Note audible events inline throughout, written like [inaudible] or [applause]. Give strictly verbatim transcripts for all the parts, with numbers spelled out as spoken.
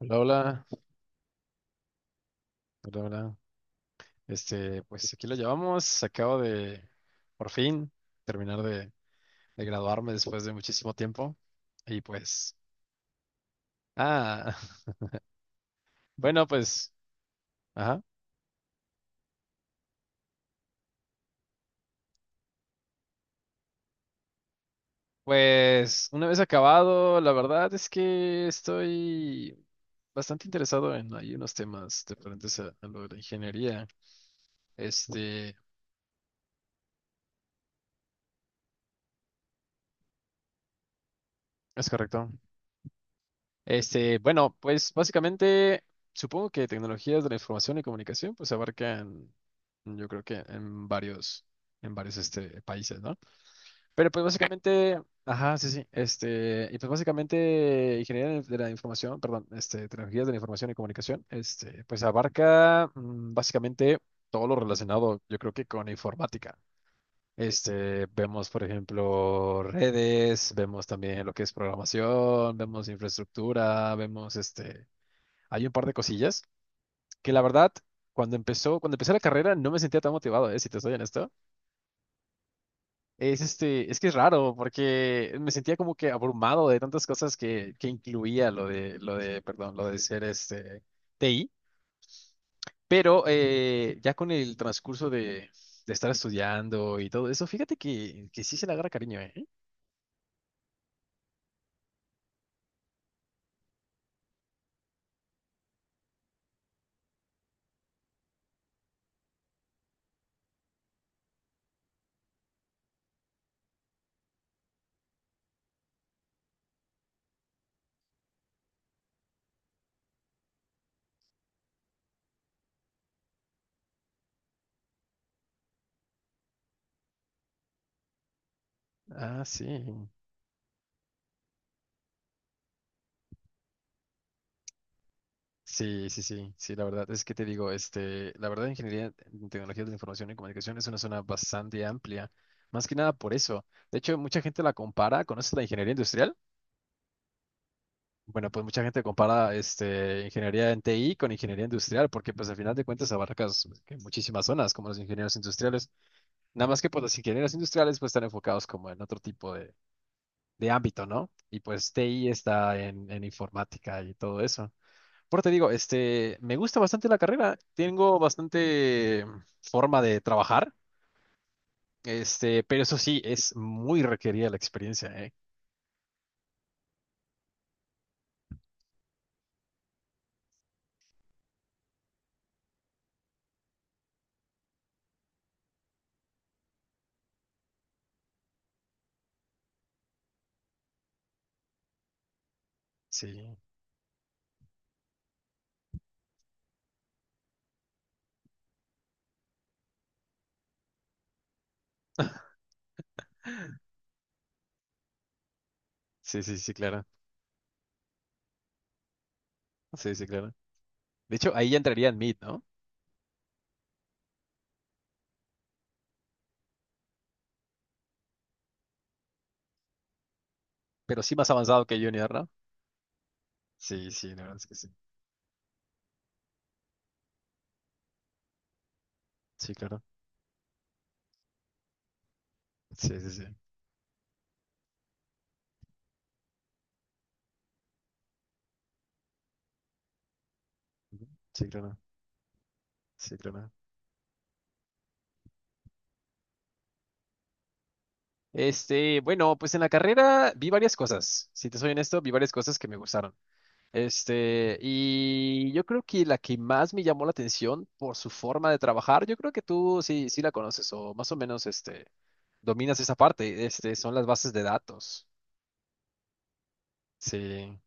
Hola, hola, hola, hola. Este, pues aquí lo llevamos. Acabo de, por fin, terminar de, de graduarme después de muchísimo tiempo. Y pues, ah, [laughs] bueno, pues, ajá. Pues una vez acabado, la verdad es que estoy bastante interesado en hay unos temas diferentes a, a lo de la ingeniería. Este, es correcto. Este, bueno, pues básicamente supongo que tecnologías de la información y comunicación pues abarcan, yo creo que en varios, en varios este, países, ¿no? Pero pues básicamente, ajá, sí, sí, este, y pues básicamente ingeniería de la información, perdón, este, tecnologías de la información y comunicación, este, pues abarca mm, básicamente todo lo relacionado, yo creo que con informática. Este, vemos, por ejemplo, redes, vemos también lo que es programación, vemos infraestructura, vemos este, hay un par de cosillas que la verdad, cuando empezó, cuando empecé la carrera no me sentía tan motivado, eh, si te soy honesto. Es este, es que es raro porque me sentía como que abrumado de tantas cosas que, que incluía lo de, lo de, perdón, lo de ser este T I, pero eh, ya con el transcurso de, de estar estudiando y todo eso, fíjate que, que sí se le agarra cariño, ¿eh? Ah, sí. Sí, sí, sí, sí, la verdad es que te digo, este, la verdad, ingeniería en tecnologías de la información y comunicación es una zona bastante amplia, más que nada por eso. De hecho, mucha gente la compara. ¿Conoces la ingeniería industrial? Bueno, pues mucha gente compara, este, ingeniería en T I con ingeniería industrial, porque pues al final de cuentas abarcas pues, que muchísimas zonas, como los ingenieros industriales. Nada más que pues los ingenieros industriales pues están enfocados como en otro tipo de, de ámbito, ¿no? Y pues T I está en, en informática y todo eso. Por te digo, este, me gusta bastante la carrera, tengo bastante forma de trabajar, este, pero eso sí, es muy requerida la experiencia, ¿eh? Sí, [laughs] sí, sí, sí, claro, sí, sí, claro. De hecho, ahí ya entraría en Mid, ¿no? Pero sí más avanzado que Junior, ¿no? Sí, sí, la verdad es que sí, sí, claro, sí, sí, sí, sí, claro, sí, claro. Este, bueno, pues en la carrera vi varias cosas, si te soy honesto, vi varias cosas que me gustaron. Este, y yo creo que la que más me llamó la atención por su forma de trabajar, yo creo que tú sí, sí la conoces o más o menos este, dominas esa parte, este, son las bases de datos. Sí,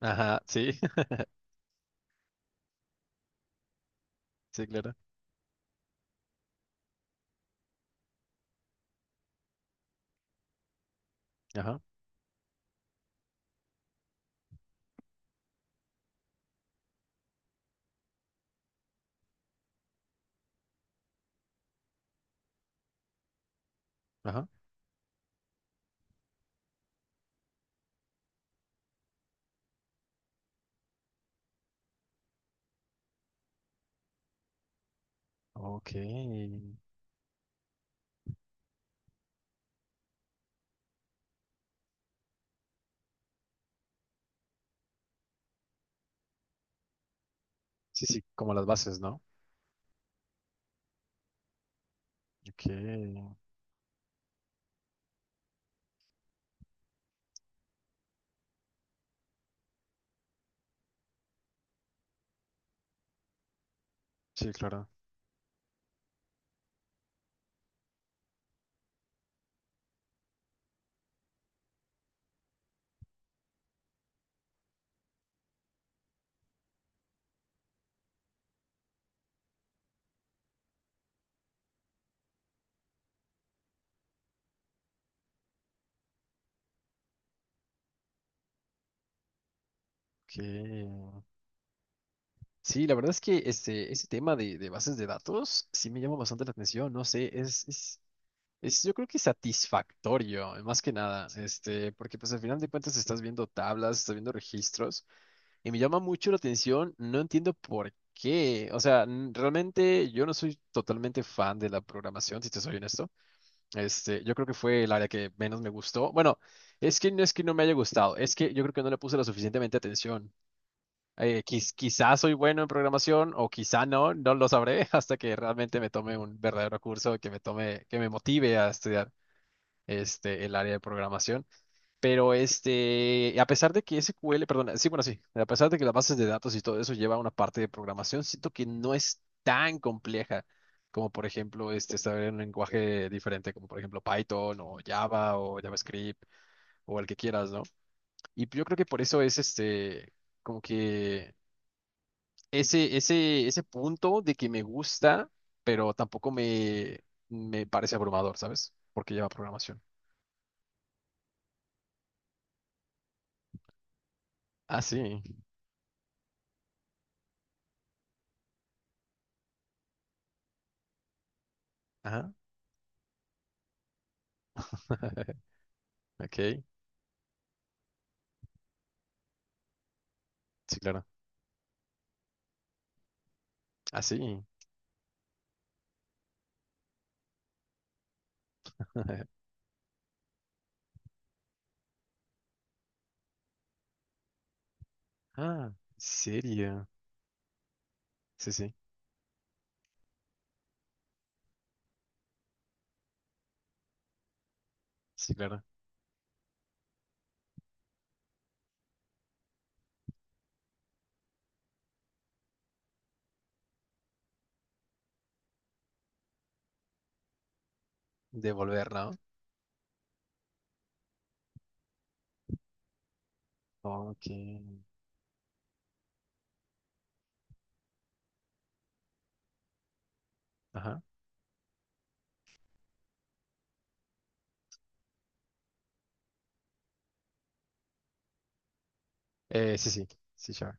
ajá, sí, [laughs] sí, claro. Ajá, ajá. Ok. Sí, sí, como las bases, ¿no? Ok, sí, claro. Ok. Sí, la verdad es que este, ese tema de, de bases de datos sí me llama bastante la atención, no sé, es, es Es, yo creo que satisfactorio, eh, más que nada, este, porque pues al final de cuentas estás viendo tablas, estás viendo registros, y me llama mucho la atención, no entiendo por qué, o sea, n- realmente yo no soy totalmente fan de la programación, si te soy honesto, este, yo creo que fue el área que menos me gustó, bueno, es que no es que no me haya gustado, es que yo creo que no le puse lo suficientemente atención. Eh, quiz- quizás soy bueno en programación o quizá no, no lo sabré [laughs] hasta que realmente me tome un verdadero curso que me tome, que me motive a estudiar este, el área de programación. Pero este, a pesar de que S Q L, perdón, sí, bueno, sí, a pesar de que las bases de datos y todo eso lleva una parte de programación, siento que no es tan compleja como, por ejemplo, este, saber un lenguaje diferente, como por ejemplo Python o Java o JavaScript o el que quieras, ¿no? Y yo creo que por eso es este, como que ese, ese, ese punto de que me gusta, pero tampoco me, me parece abrumador, ¿sabes? Porque lleva programación. Ah, sí. Ajá. [laughs] Ok, sí, claro. Ah, sí. [laughs] Ah, ¿en serio? Sí, sí, sí, claro. Devolver, ¿no? Ok. Ajá. Eh, sí, sí, sí, sure.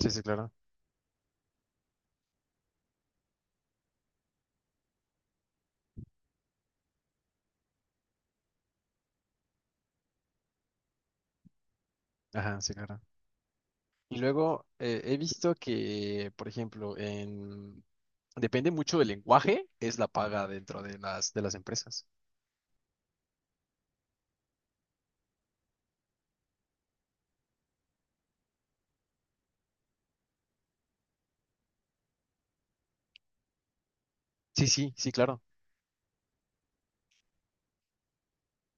Sí, sí, claro. Ajá, sí, claro. Y luego eh, he visto que, por ejemplo, en... depende mucho del lenguaje, es la paga dentro de las, de las empresas. Sí, sí, sí, claro.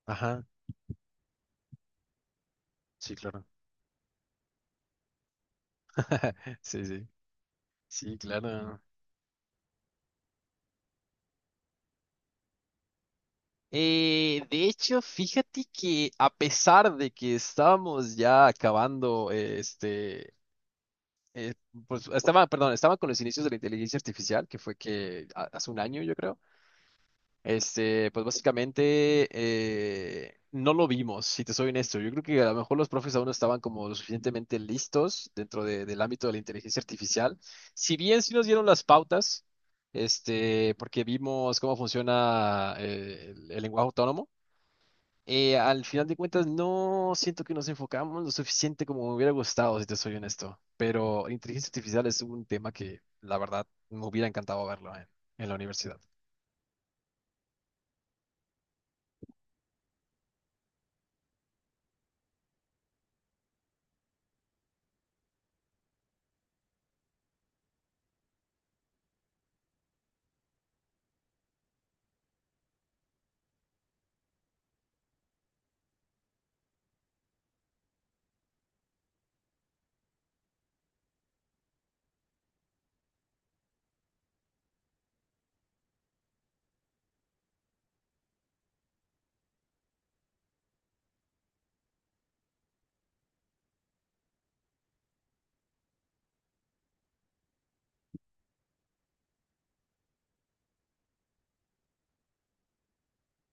Ajá, sí, claro. [laughs] Sí, sí, sí, claro. Eh, de hecho, fíjate que a pesar de que estábamos ya acabando, eh, este, eh, pues estaba, perdón, estaba con los inicios de la inteligencia artificial, que fue que a- hace un año, yo creo, este, pues básicamente eh, no lo vimos, si te soy honesto. Yo creo que a lo mejor los profes aún no estaban como lo suficientemente listos dentro de- del ámbito de la inteligencia artificial. Si bien sí nos dieron las pautas, este, porque vimos cómo funciona eh, el el lenguaje autónomo. Eh, al final de cuentas, no siento que nos enfocamos lo suficiente como me hubiera gustado, si te soy honesto. Pero inteligencia artificial es un tema que, la verdad, me hubiera encantado verlo en, en la universidad.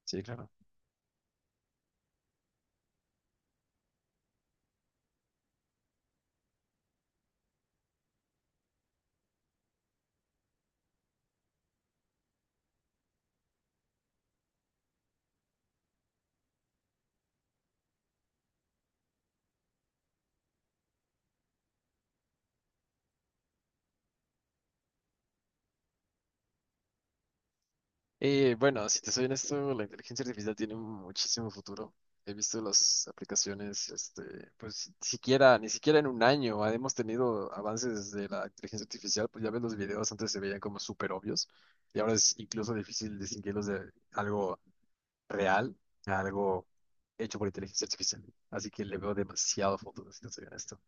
Sí, claro. Eh, bueno, si te soy honesto, la inteligencia artificial tiene muchísimo futuro. He visto las aplicaciones, este, pues ni siquiera, ni siquiera en un año hemos tenido avances de la inteligencia artificial. Pues ya ves los videos, antes se veían como súper obvios y ahora es incluso difícil distinguirlos de algo real a algo hecho por inteligencia artificial. Así que le veo demasiado futuro, si no soy honesto.